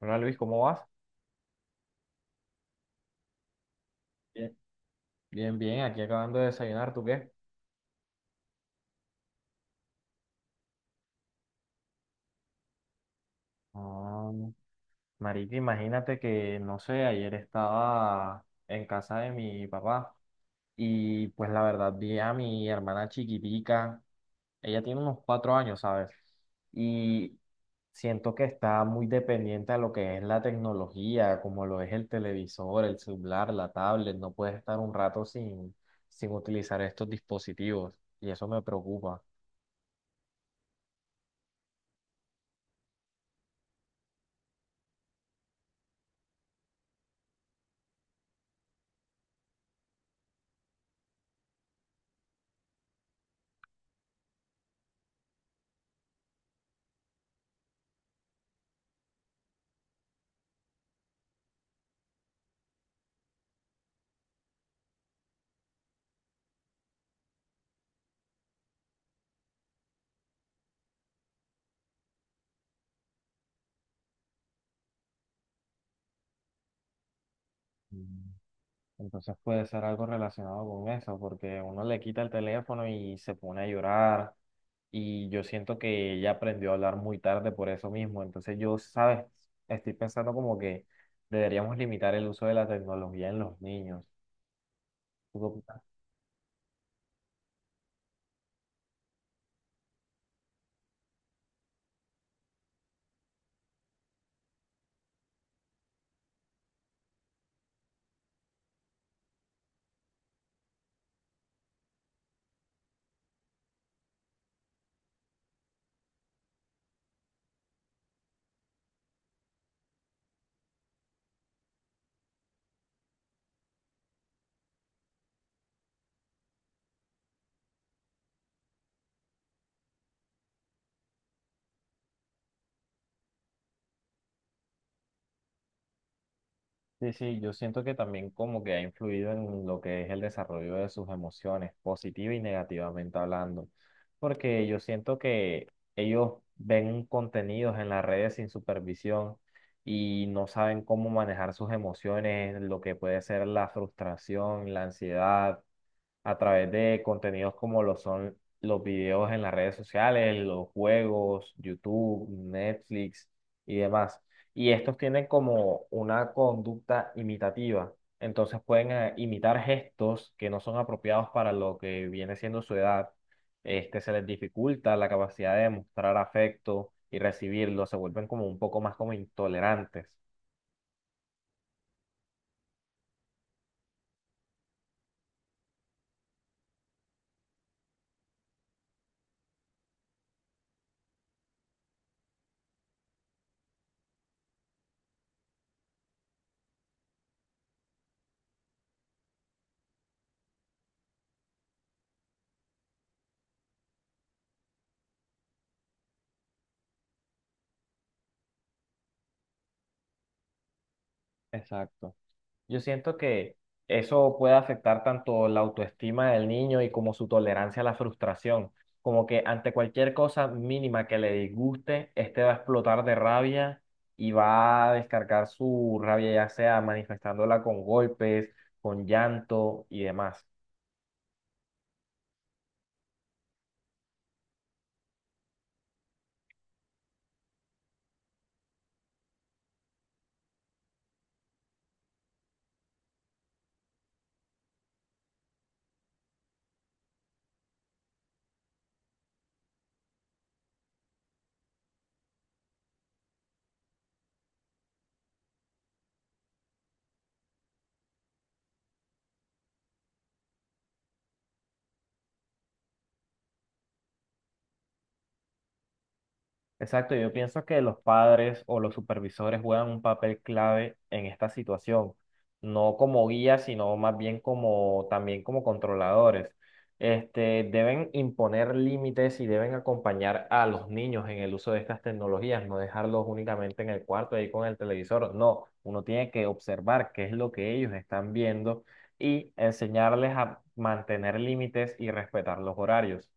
Hola Luis, ¿cómo vas? Bien, bien, bien, aquí acabando de desayunar, ¿tú qué? Ah, marica, imagínate que, no sé, ayer estaba en casa de mi papá y pues la verdad vi a mi hermana chiquitica, ella tiene unos 4 años, ¿sabes? Y siento que está muy dependiente a lo que es la tecnología, como lo es el televisor, el celular, la tablet, no puedes estar un rato sin utilizar estos dispositivos y eso me preocupa. Entonces puede ser algo relacionado con eso, porque uno le quita el teléfono y se pone a llorar. Y yo siento que ella aprendió a hablar muy tarde por eso mismo. Entonces yo, ¿sabes? Estoy pensando como que deberíamos limitar el uso de la tecnología en los niños. Sí, sí, yo siento que también como que ha influido en lo que es el desarrollo de sus emociones, positiva y negativamente hablando, porque yo siento que ellos ven contenidos en las redes sin supervisión y no saben cómo manejar sus emociones, lo que puede ser la frustración, la ansiedad, a través de contenidos como lo son los videos en las redes sociales, los juegos, YouTube, Netflix y demás. Y estos tienen como una conducta imitativa. Entonces pueden imitar gestos que no son apropiados para lo que viene siendo su edad. Este, se les dificulta la capacidad de mostrar afecto y recibirlo. Se vuelven como un poco más como intolerantes. Exacto. Yo siento que eso puede afectar tanto la autoestima del niño y como su tolerancia a la frustración. Como que ante cualquier cosa mínima que le disguste, este va a explotar de rabia y va a descargar su rabia, ya sea manifestándola con golpes, con llanto y demás. Exacto, yo pienso que los padres o los supervisores juegan un papel clave en esta situación, no como guías, sino más bien como también como controladores. Este, deben imponer límites y deben acompañar a los niños en el uso de estas tecnologías, no dejarlos únicamente en el cuarto ahí con el televisor. No, uno tiene que observar qué es lo que ellos están viendo y enseñarles a mantener límites y respetar los horarios.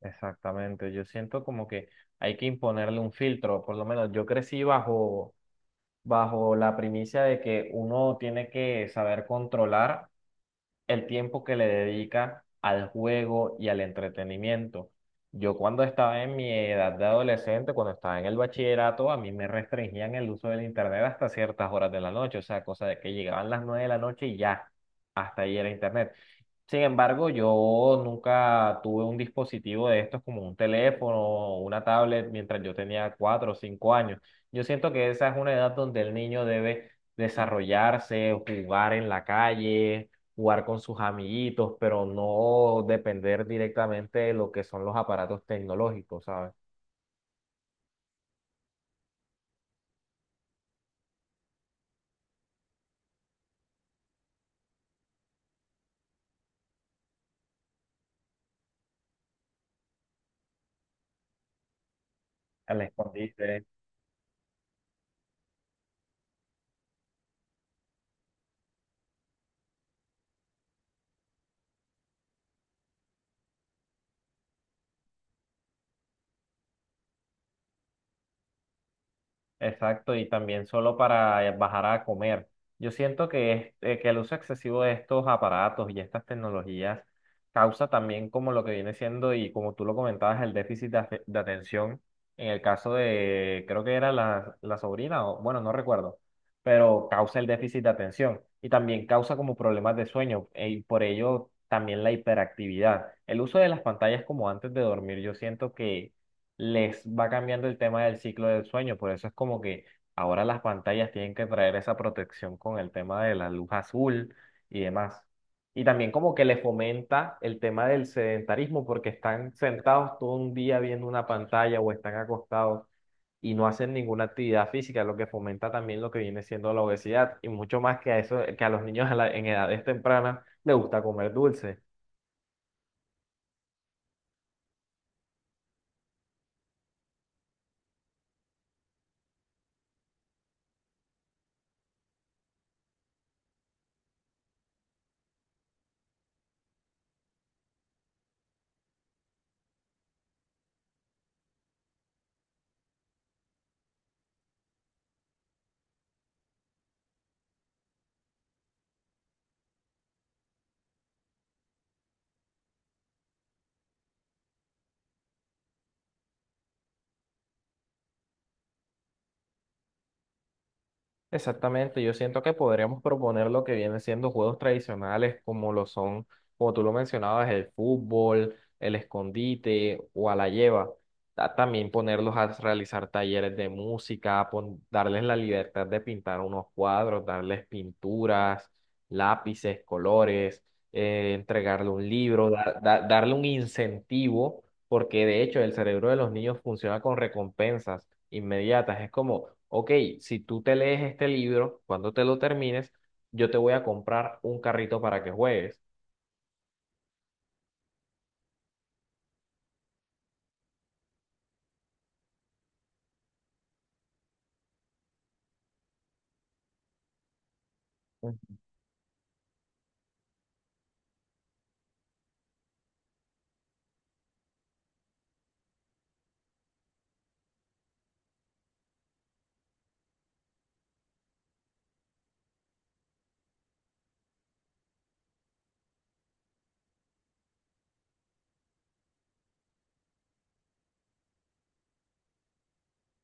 Exactamente, yo siento como que hay que imponerle un filtro, por lo menos yo crecí bajo la primicia de que uno tiene que saber controlar el tiempo que le dedica al juego y al entretenimiento. Yo cuando estaba en mi edad de adolescente, cuando estaba en el bachillerato, a mí me restringían el uso del internet hasta ciertas horas de la noche, o sea, cosa de que llegaban las 9 de la noche y ya, hasta ahí era internet. Sin embargo, yo nunca tuve un dispositivo de estos como un teléfono o una tablet mientras yo tenía 4 o 5 años. Yo siento que esa es una edad donde el niño debe desarrollarse, jugar en la calle, jugar con sus amiguitos, pero no depender directamente de lo que son los aparatos tecnológicos, ¿sabes? El escondite. Exacto, y también solo para bajar a comer. Yo siento que, que el uso excesivo de estos aparatos y estas tecnologías causa también como lo que viene siendo, y como tú lo comentabas, el déficit de atención en el caso de, creo que era la sobrina, o bueno, no recuerdo, pero causa el déficit de atención y también causa como problemas de sueño y por ello también la hiperactividad. El uso de las pantallas como antes de dormir, yo siento que les va cambiando el tema del ciclo del sueño. Por eso es como que ahora las pantallas tienen que traer esa protección con el tema de la luz azul y demás. Y también como que le fomenta el tema del sedentarismo porque están sentados todo un día viendo una pantalla o están acostados y no hacen ninguna actividad física, lo que fomenta también lo que viene siendo la obesidad y mucho más que a eso, que a los niños a la- en edades tempranas les gusta comer dulce. Exactamente, yo siento que podríamos proponer lo que vienen siendo juegos tradicionales como lo son, como tú lo mencionabas, el fútbol, el escondite o a la lleva. También ponerlos a realizar talleres de música, darles la libertad de pintar unos cuadros, darles pinturas, lápices, colores, entregarle un libro, darle un incentivo, porque de hecho el cerebro de los niños funciona con recompensas inmediatas. Es como, ok, si tú te lees este libro, cuando te lo termines, yo te voy a comprar un carrito para que juegues. Ujú.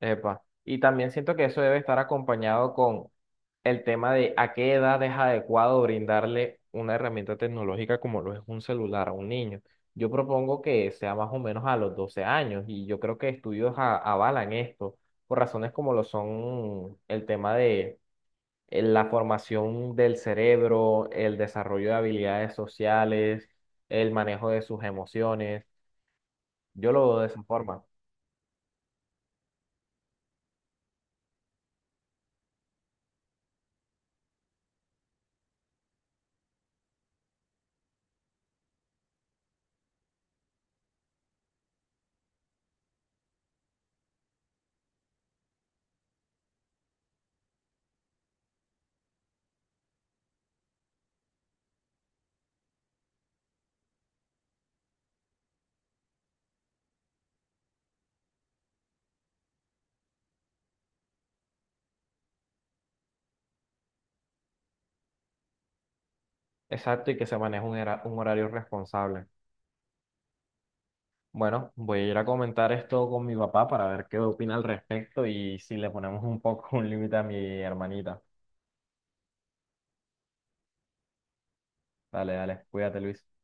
Epa. Y también siento que eso debe estar acompañado con el tema de a qué edad es adecuado brindarle una herramienta tecnológica como lo es un celular a un niño. Yo propongo que sea más o menos a los 12 años y yo creo que estudios avalan esto por razones como lo son el tema de la formación del cerebro, el desarrollo de habilidades sociales, el manejo de sus emociones. Yo lo veo de esa forma. Exacto, y que se maneje un horario responsable. Bueno, voy a ir a comentar esto con mi papá para ver qué opina al respecto y si le ponemos un poco un límite a mi hermanita. Dale, dale, cuídate, Luis.